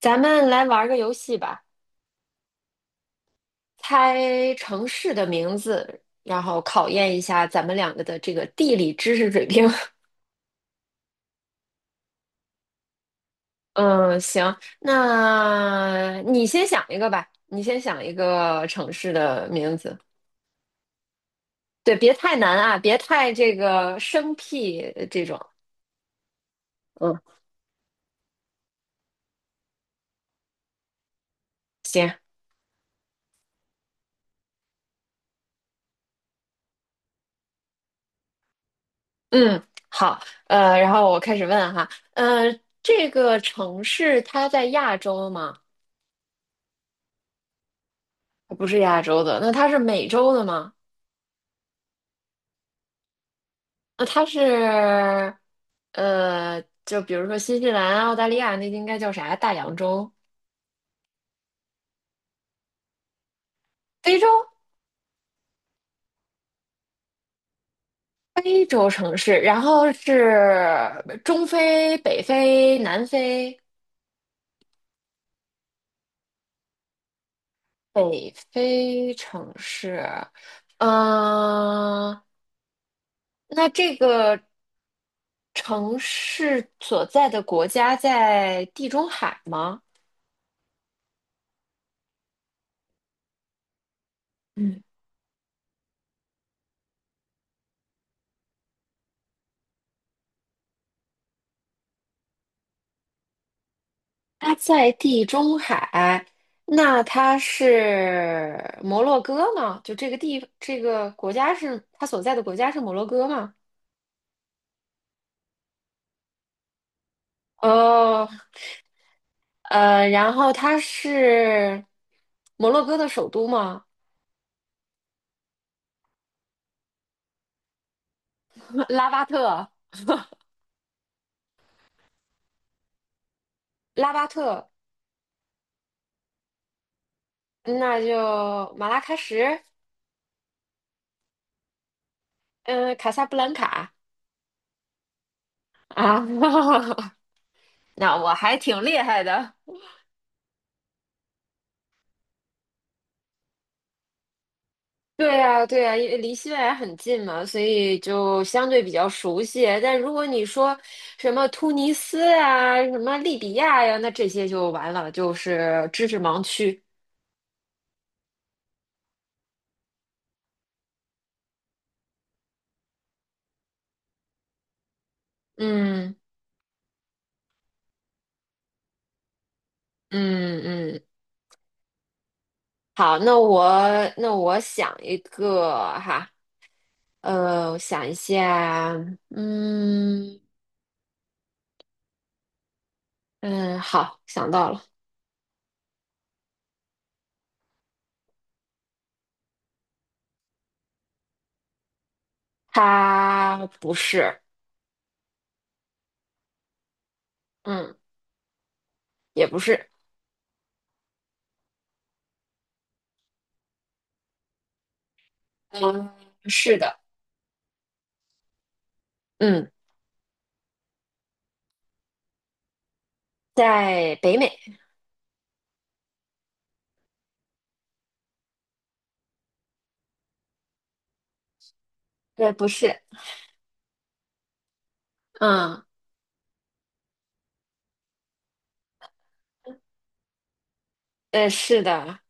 咱们来玩儿个游戏吧，猜城市的名字，然后考验一下咱们两个的这个地理知识水平。嗯，行，那你先想一个吧，你先想一个城市的名字。对，别太难啊，别太这个生僻这种。嗯，行。嗯，好。然后我开始问哈。呃，这个城市它在亚洲吗？它不是亚洲的，那它是美洲的吗？呃，它是就比如说新西兰、澳大利亚那应该叫啥？大洋洲、非洲、非洲城市，然后是中非、北非、南非、北非城市。嗯。那这个城市所在的国家在地中海吗？嗯。它在地中海，那它是摩洛哥吗？就这个地，这个国家是它所在的国家是摩洛哥吗？哦。然后它是摩洛哥的首都吗？拉巴特，拉巴特，那就马拉喀什，嗯、卡萨布兰卡。啊，那我还挺厉害的。对呀，对呀，因为离西班牙很近嘛，所以就相对比较熟悉。但如果你说什么突尼斯啊、什么利比亚呀，那这些就完了，就是知识盲区。嗯嗯嗯。好，那我想一个哈。我想一下。嗯嗯，好，想到了。它不是。嗯，也不是。嗯，是的。嗯，在北美。对，不是。嗯。是的。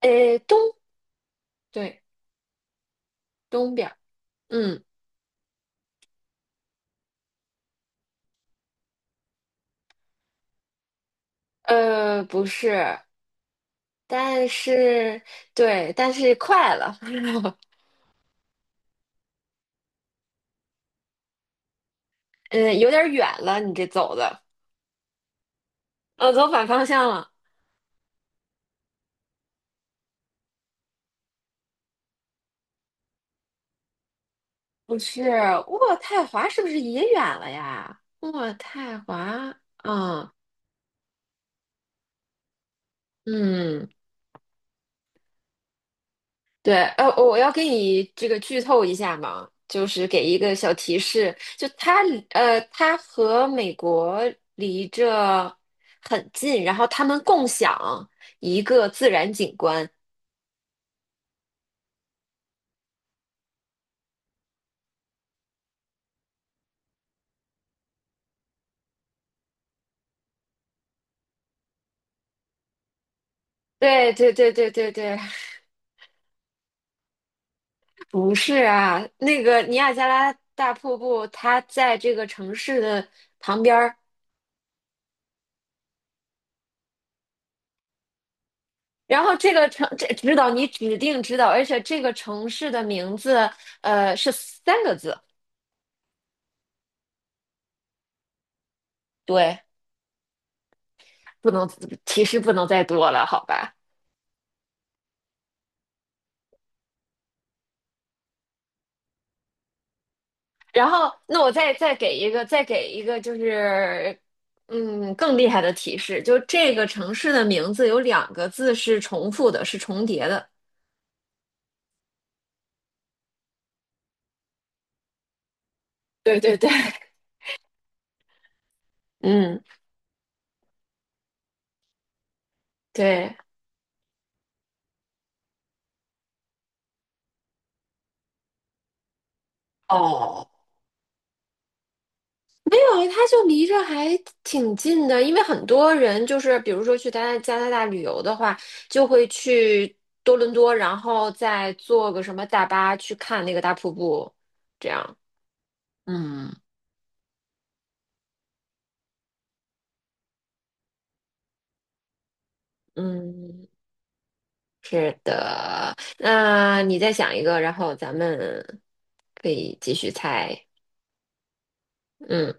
呃，东，对，东边儿。嗯。不是，但是，对，但是快了，嗯，有点远了，你这走的。走反方向了。不是，渥太华是不是也远了呀？渥太华。嗯嗯。对。我要给你这个剧透一下嘛，就是给一个小提示，它和美国离着很近，然后他们共享一个自然景观。对对对对对对，不是啊，那个尼亚加拉大瀑布，它在这个城市的旁边儿。然后这个城，这指导你指定知道，而且这个城市的名字，是三个字。对。不能，提示不能再多了，好吧？然后，那我再再给一个，再给一个，就是嗯，更厉害的提示，就这个城市的名字有两个字是重复的，是重叠的。对对对， 嗯，对。哦，没有，它就离着还挺近的，因为很多人就是，比如说去加拿大旅游的话，就会去多伦多，然后再坐个什么大巴去看那个大瀑布，这样。嗯。嗯，是的。那你再想一个，然后咱们可以继续猜。嗯，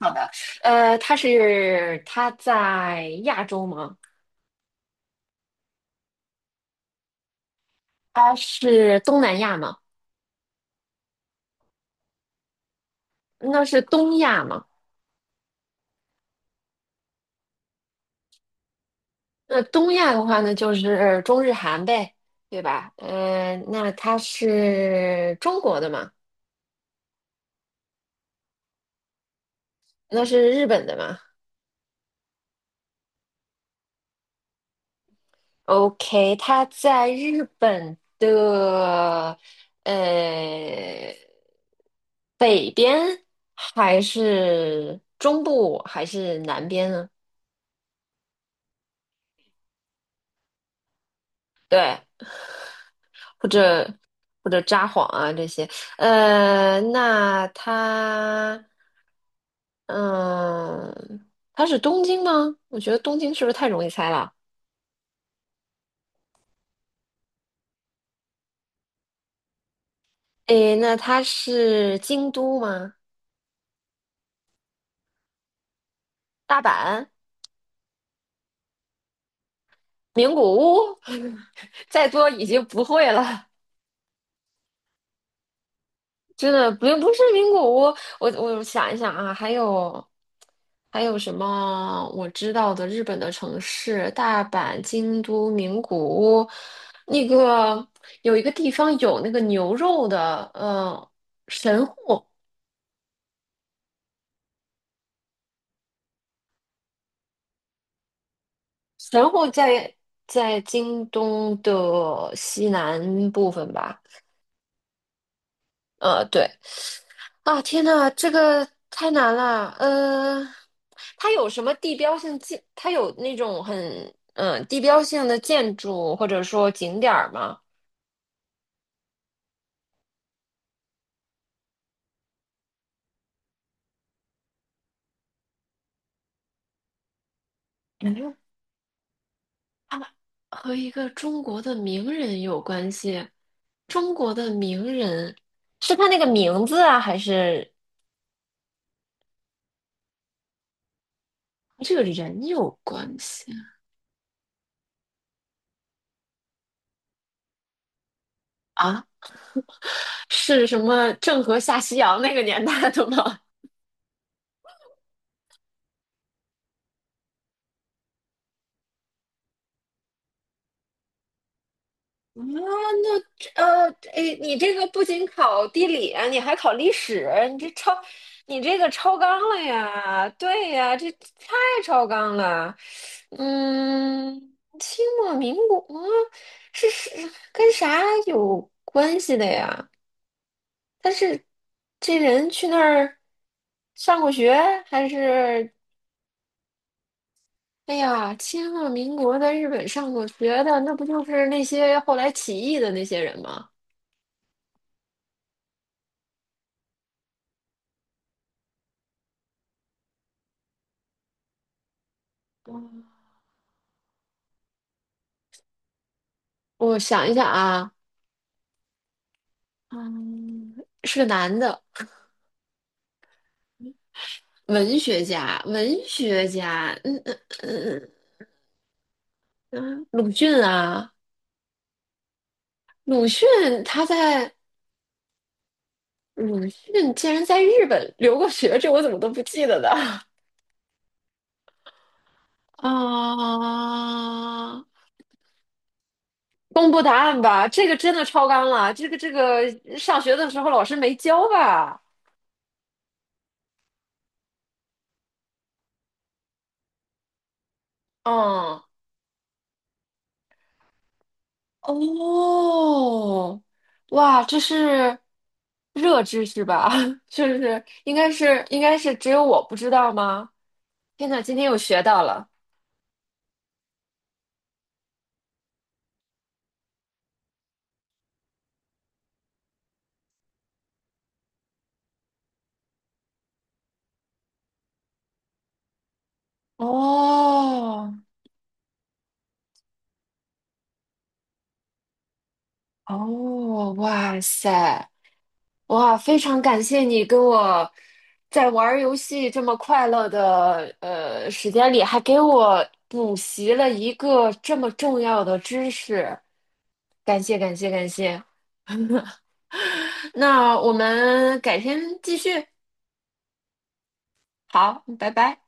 好的。它在亚洲吗？它是东南亚吗？那是东亚吗？那东亚的话呢，就是中日韩呗，对吧？那它是中国的吗？那是日本的吗？OK，他在日本的呃北边，还是中部，还是南边呢？对，或者或者札幌啊这些。呃，那他嗯，他是东京吗？我觉得东京是不是太容易猜了？诶，那他是京都吗？大阪、名古屋，再多已经不会了。真的不是名古屋。我想一想啊，还有什么我知道的日本的城市？大阪、京都、名古屋，那个有一个地方有那个牛肉的，神户。神户在在京东的西南部分吧。呃，对，啊，天呐，这个太难了。呃，它有什么地标性建？它有那种很地标性的建筑或者说景点儿吗？感觉和一个中国的名人有关系。中国的名人是他那个名字啊，还是和这个人有关系啊？是什么郑和下西洋那个年代的吗？啊，哎，你这个不仅考地理啊你还考历史，你这个超纲了呀？对呀，这太超纲了。嗯，清末民国啊是是跟啥有关系的呀？但是这人去那儿上过学，还是哎呀，清末民国在日本上过学的，那不就是那些后来起义的那些人吗？我想一想啊。嗯，是个男的，文学家，文学家，嗯鲁迅啊，鲁迅他在鲁迅竟然在日本留过学，这我怎么都不记得的 啊！公布答案吧，这个真的超纲了，这个上学的时候老师没教吧？嗯。哦，哇，这是热知识吧？是不是？应该是只有我不知道吗？天呐，今天又学到了。哦哦，哇塞，哇，非常感谢你跟我在玩儿游戏这么快乐的时间里，还给我补习了一个这么重要的知识，感谢感谢感谢。那我们改天继续，好，拜拜。